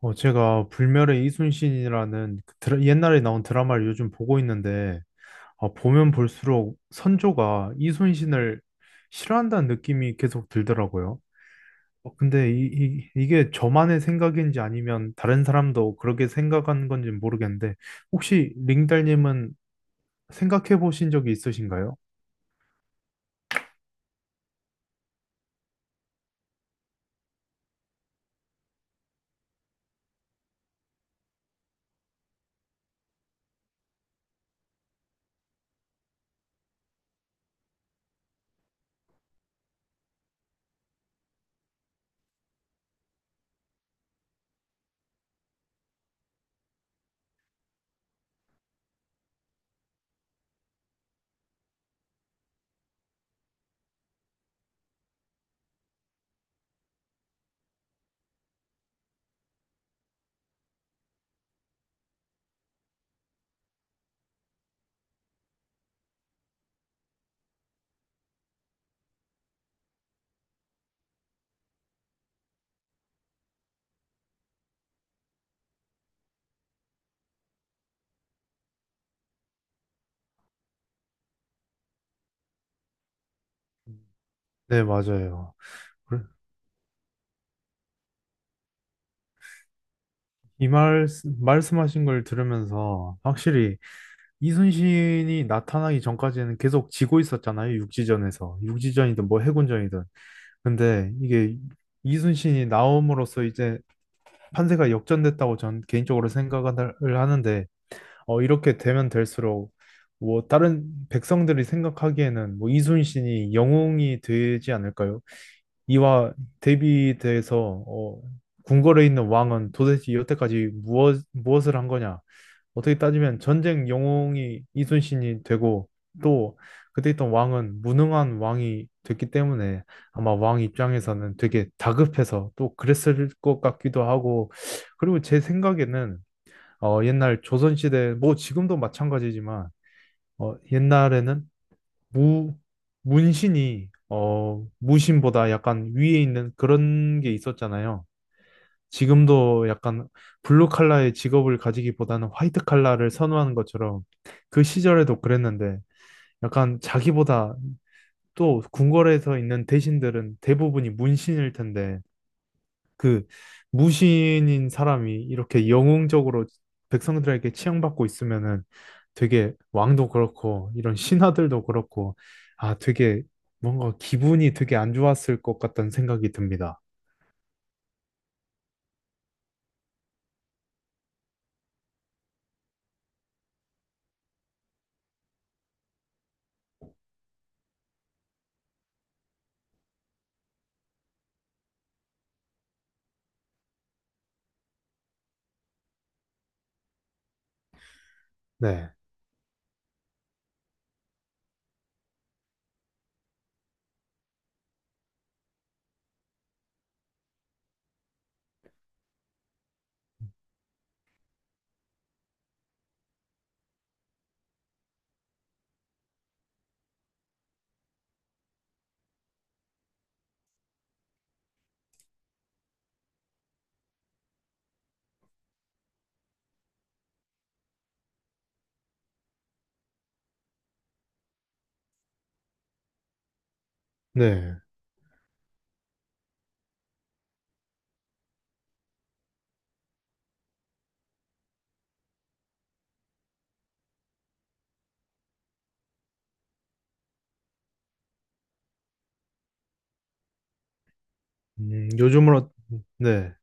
제가 불멸의 이순신이라는 그 옛날에 나온 드라마를 요즘 보고 있는데, 아, 보면 볼수록 선조가 이순신을 싫어한다는 느낌이 계속 들더라고요. 근데 이게 저만의 생각인지 아니면 다른 사람도 그렇게 생각하는 건지 모르겠는데, 혹시 링달님은 생각해 보신 적이 있으신가요? 네, 맞아요. 그래- 이 말씀하신 걸 들으면서 확실히 이순신이 나타나기 전까지는 계속 지고 있었잖아요. 육지전에서. 육지전이든 뭐 해군전이든. 근데 이게 이순신이 나옴으로써 이제 판세가 역전됐다고 전 개인적으로 생각을 하는데, 이렇게 되면 될수록 뭐 다른 백성들이 생각하기에는 뭐 이순신이 영웅이 되지 않을까요? 이와 대비돼서 궁궐에 있는 왕은 도대체 여태까지 무엇을 한 거냐? 어떻게 따지면 전쟁 영웅이 이순신이 되고 또 그때 있던 왕은 무능한 왕이 됐기 때문에 아마 왕 입장에서는 되게 다급해서 또 그랬을 것 같기도 하고 그리고 제 생각에는 옛날 조선시대 뭐 지금도 마찬가지지만 옛날에는 무 문신이 무신보다 약간 위에 있는 그런 게 있었잖아요. 지금도 약간 블루 칼라의 직업을 가지기보다는 화이트 칼라를 선호하는 것처럼 그 시절에도 그랬는데 약간 자기보다 또 궁궐에서 있는 대신들은 대부분이 문신일 텐데 그 무신인 사람이 이렇게 영웅적으로 백성들에게 치양받고 있으면은 되게 왕도 그렇고 이런 신하들도 그렇고 아 되게 뭔가 기분이 되게 안 좋았을 것 같다는 생각이 듭니다. 네. 네. 요즘으로. 네.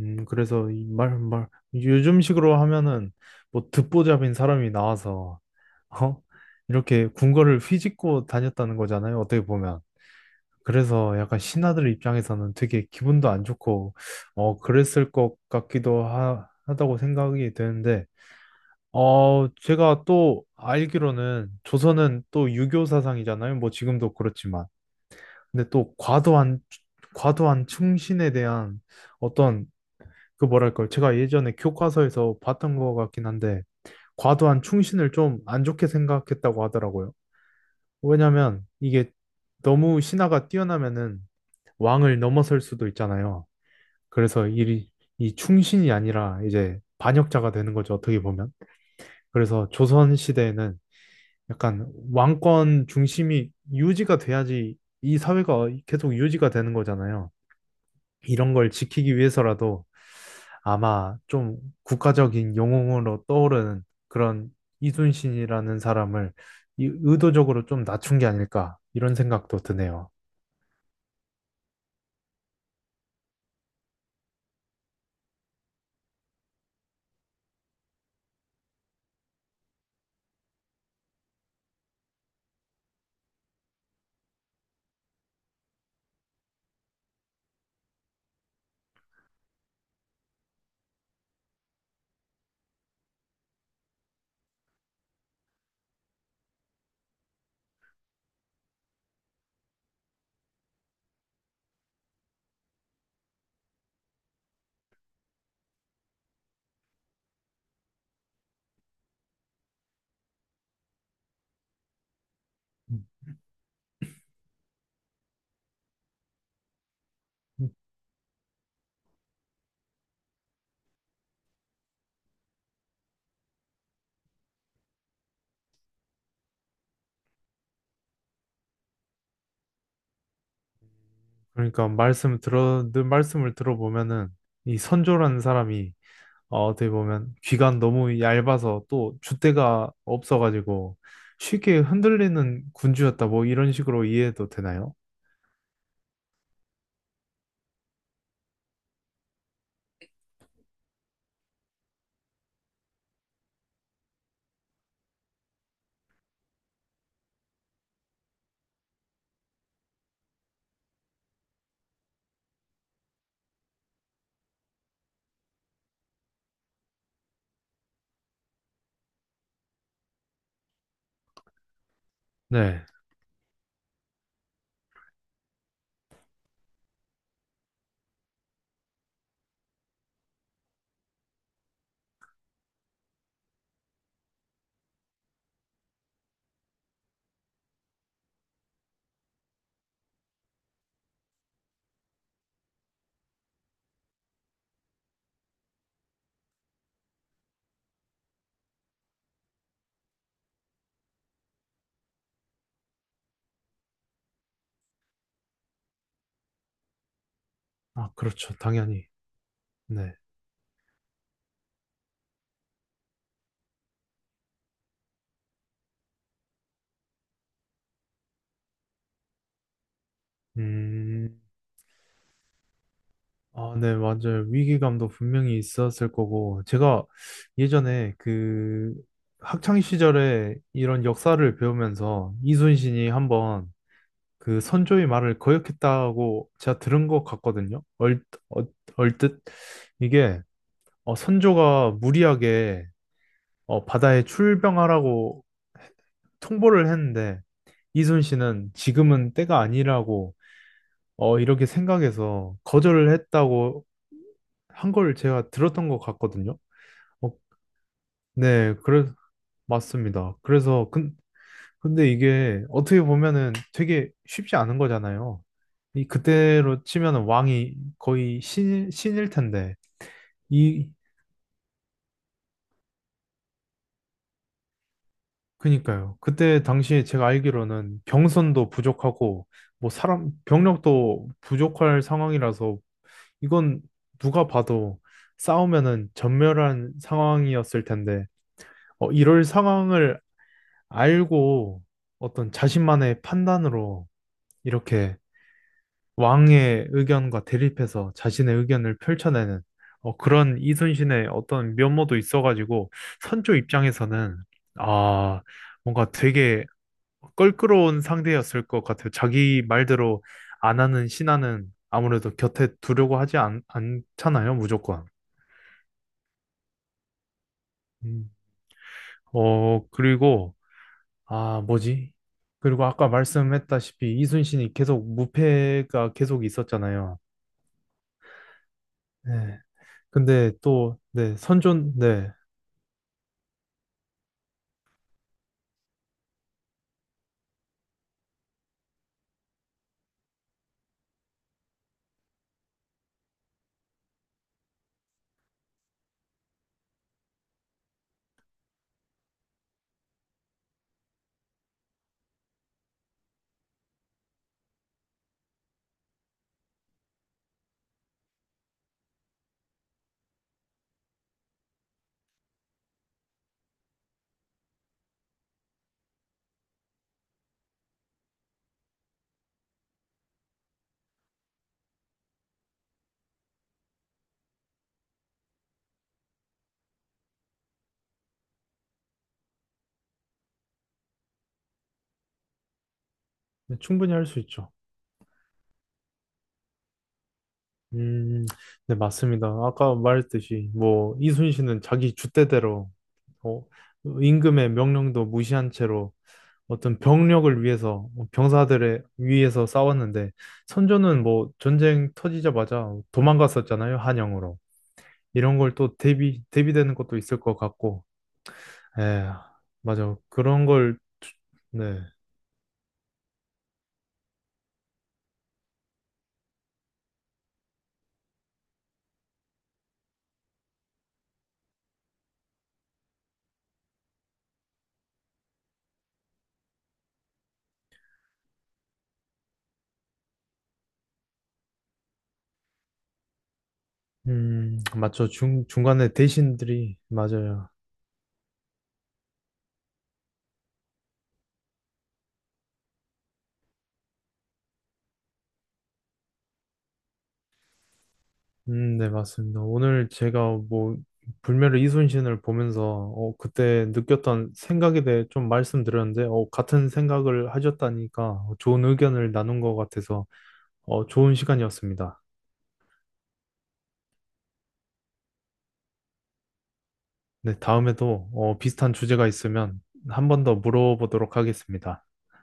그래서 이 요즘식으로 하면은 뭐 듣보잡인 사람이 나와서, 어? 이렇게 군거를 휘짓고 다녔다는 거잖아요, 어떻게 보면. 그래서 약간 신하들 입장에서는 되게 기분도 안 좋고, 그랬을 것 같기도 하다고 생각이 되는데, 제가 또 알기로는 조선은 또 유교 사상이잖아요, 뭐 지금도 그렇지만. 근데 또 과도한 충신에 대한 어떤 그 뭐랄까요. 제가 예전에 교과서에서 봤던 것 같긴 한데, 과도한 충신을 좀 안 좋게 생각했다고 하더라고요. 왜냐면 이게 너무 신하가 뛰어나면은 왕을 넘어설 수도 있잖아요. 그래서 이 충신이 아니라 이제 반역자가 되는 거죠. 어떻게 보면. 그래서 조선 시대에는 약간 왕권 중심이 유지가 돼야지 이 사회가 계속 유지가 되는 거잖아요. 이런 걸 지키기 위해서라도 아마 좀 국가적인 영웅으로 떠오르는 그런 이순신이라는 사람을 의도적으로 좀 낮춘 게 아닐까 이런 생각도 드네요. 그러니까 말씀 들어 늘 말씀을 들어보면은 이 선조라는 사람이 어떻게 보면 귀가 너무 얇아서 또 줏대가 없어가지고 쉽게 흔들리는 군주였다 뭐 이런 식으로 이해해도 되나요? 네. 아, 그렇죠. 당연히. 네. 음. 아, 네, 맞아요. 위기감도 분명히 있었을 거고, 제가 예전에 그 학창 시절에 이런 역사를 배우면서 이순신이 한번 그 선조의 말을 거역했다고 제가 들은 것 같거든요. 얼, 얼뜻 이게 선조가 무리하게 바다에 출병하라고 통보를 했는데 이순신은 지금은 때가 아니라고 이렇게 생각해서 거절을 했다고 한 걸 제가 들었던 것 같거든요. 어, 네, 그래, 맞습니다. 근데 이게 어떻게 보면은 되게 쉽지 않은 거잖아요. 이 그때로 치면은 왕이 거의 신일 텐데, 이, 그니까요. 그때 당시에 제가 알기로는 병선도 부족하고, 뭐 병력도 부족할 상황이라서 이건 누가 봐도 싸우면은 전멸한 상황이었을 텐데, 이럴 상황을 알고 어떤 자신만의 판단으로 이렇게 왕의 의견과 대립해서 자신의 의견을 펼쳐내는 그런 이순신의 어떤 면모도 있어가지고 선조 입장에서는 아, 뭔가 되게 껄끄러운 상대였을 것 같아요. 자기 말대로 안 하는 신하는 아무래도 곁에 두려고 않잖아요, 무조건. 음. 어, 그리고, 아, 뭐지? 그리고 아까 말씀했다시피 이순신이 계속 무패가 계속 있었잖아요. 네. 근데 또, 네, 선전, 네, 네, 충분히 할 수 있죠. 음, 네, 맞습니다. 아까 말했듯이, 뭐, 이순신은 자기 줏대대로, 어, 임금의 명령도 무시한 채로 어떤 병력을 위해서, 병사들의 위해서 싸웠는데, 선조는 뭐, 전쟁 터지자마자 도망갔었잖아요, 한양으로. 이런 걸 또 대비되는 것도 있을 것 같고, 에, 맞아. 그런 걸, 네. 맞죠. 중간에 대신들이, 맞아요. 네, 맞습니다. 오늘 제가 뭐, 불멸의 이순신을 보면서, 그때 느꼈던 생각에 대해 좀 말씀드렸는데, 같은 생각을 하셨다니까 좋은 의견을 나눈 것 같아서, 좋은 시간이었습니다. 네, 다음에도, 비슷한 주제가 있으면 한 번 더 물어보도록 하겠습니다. 네.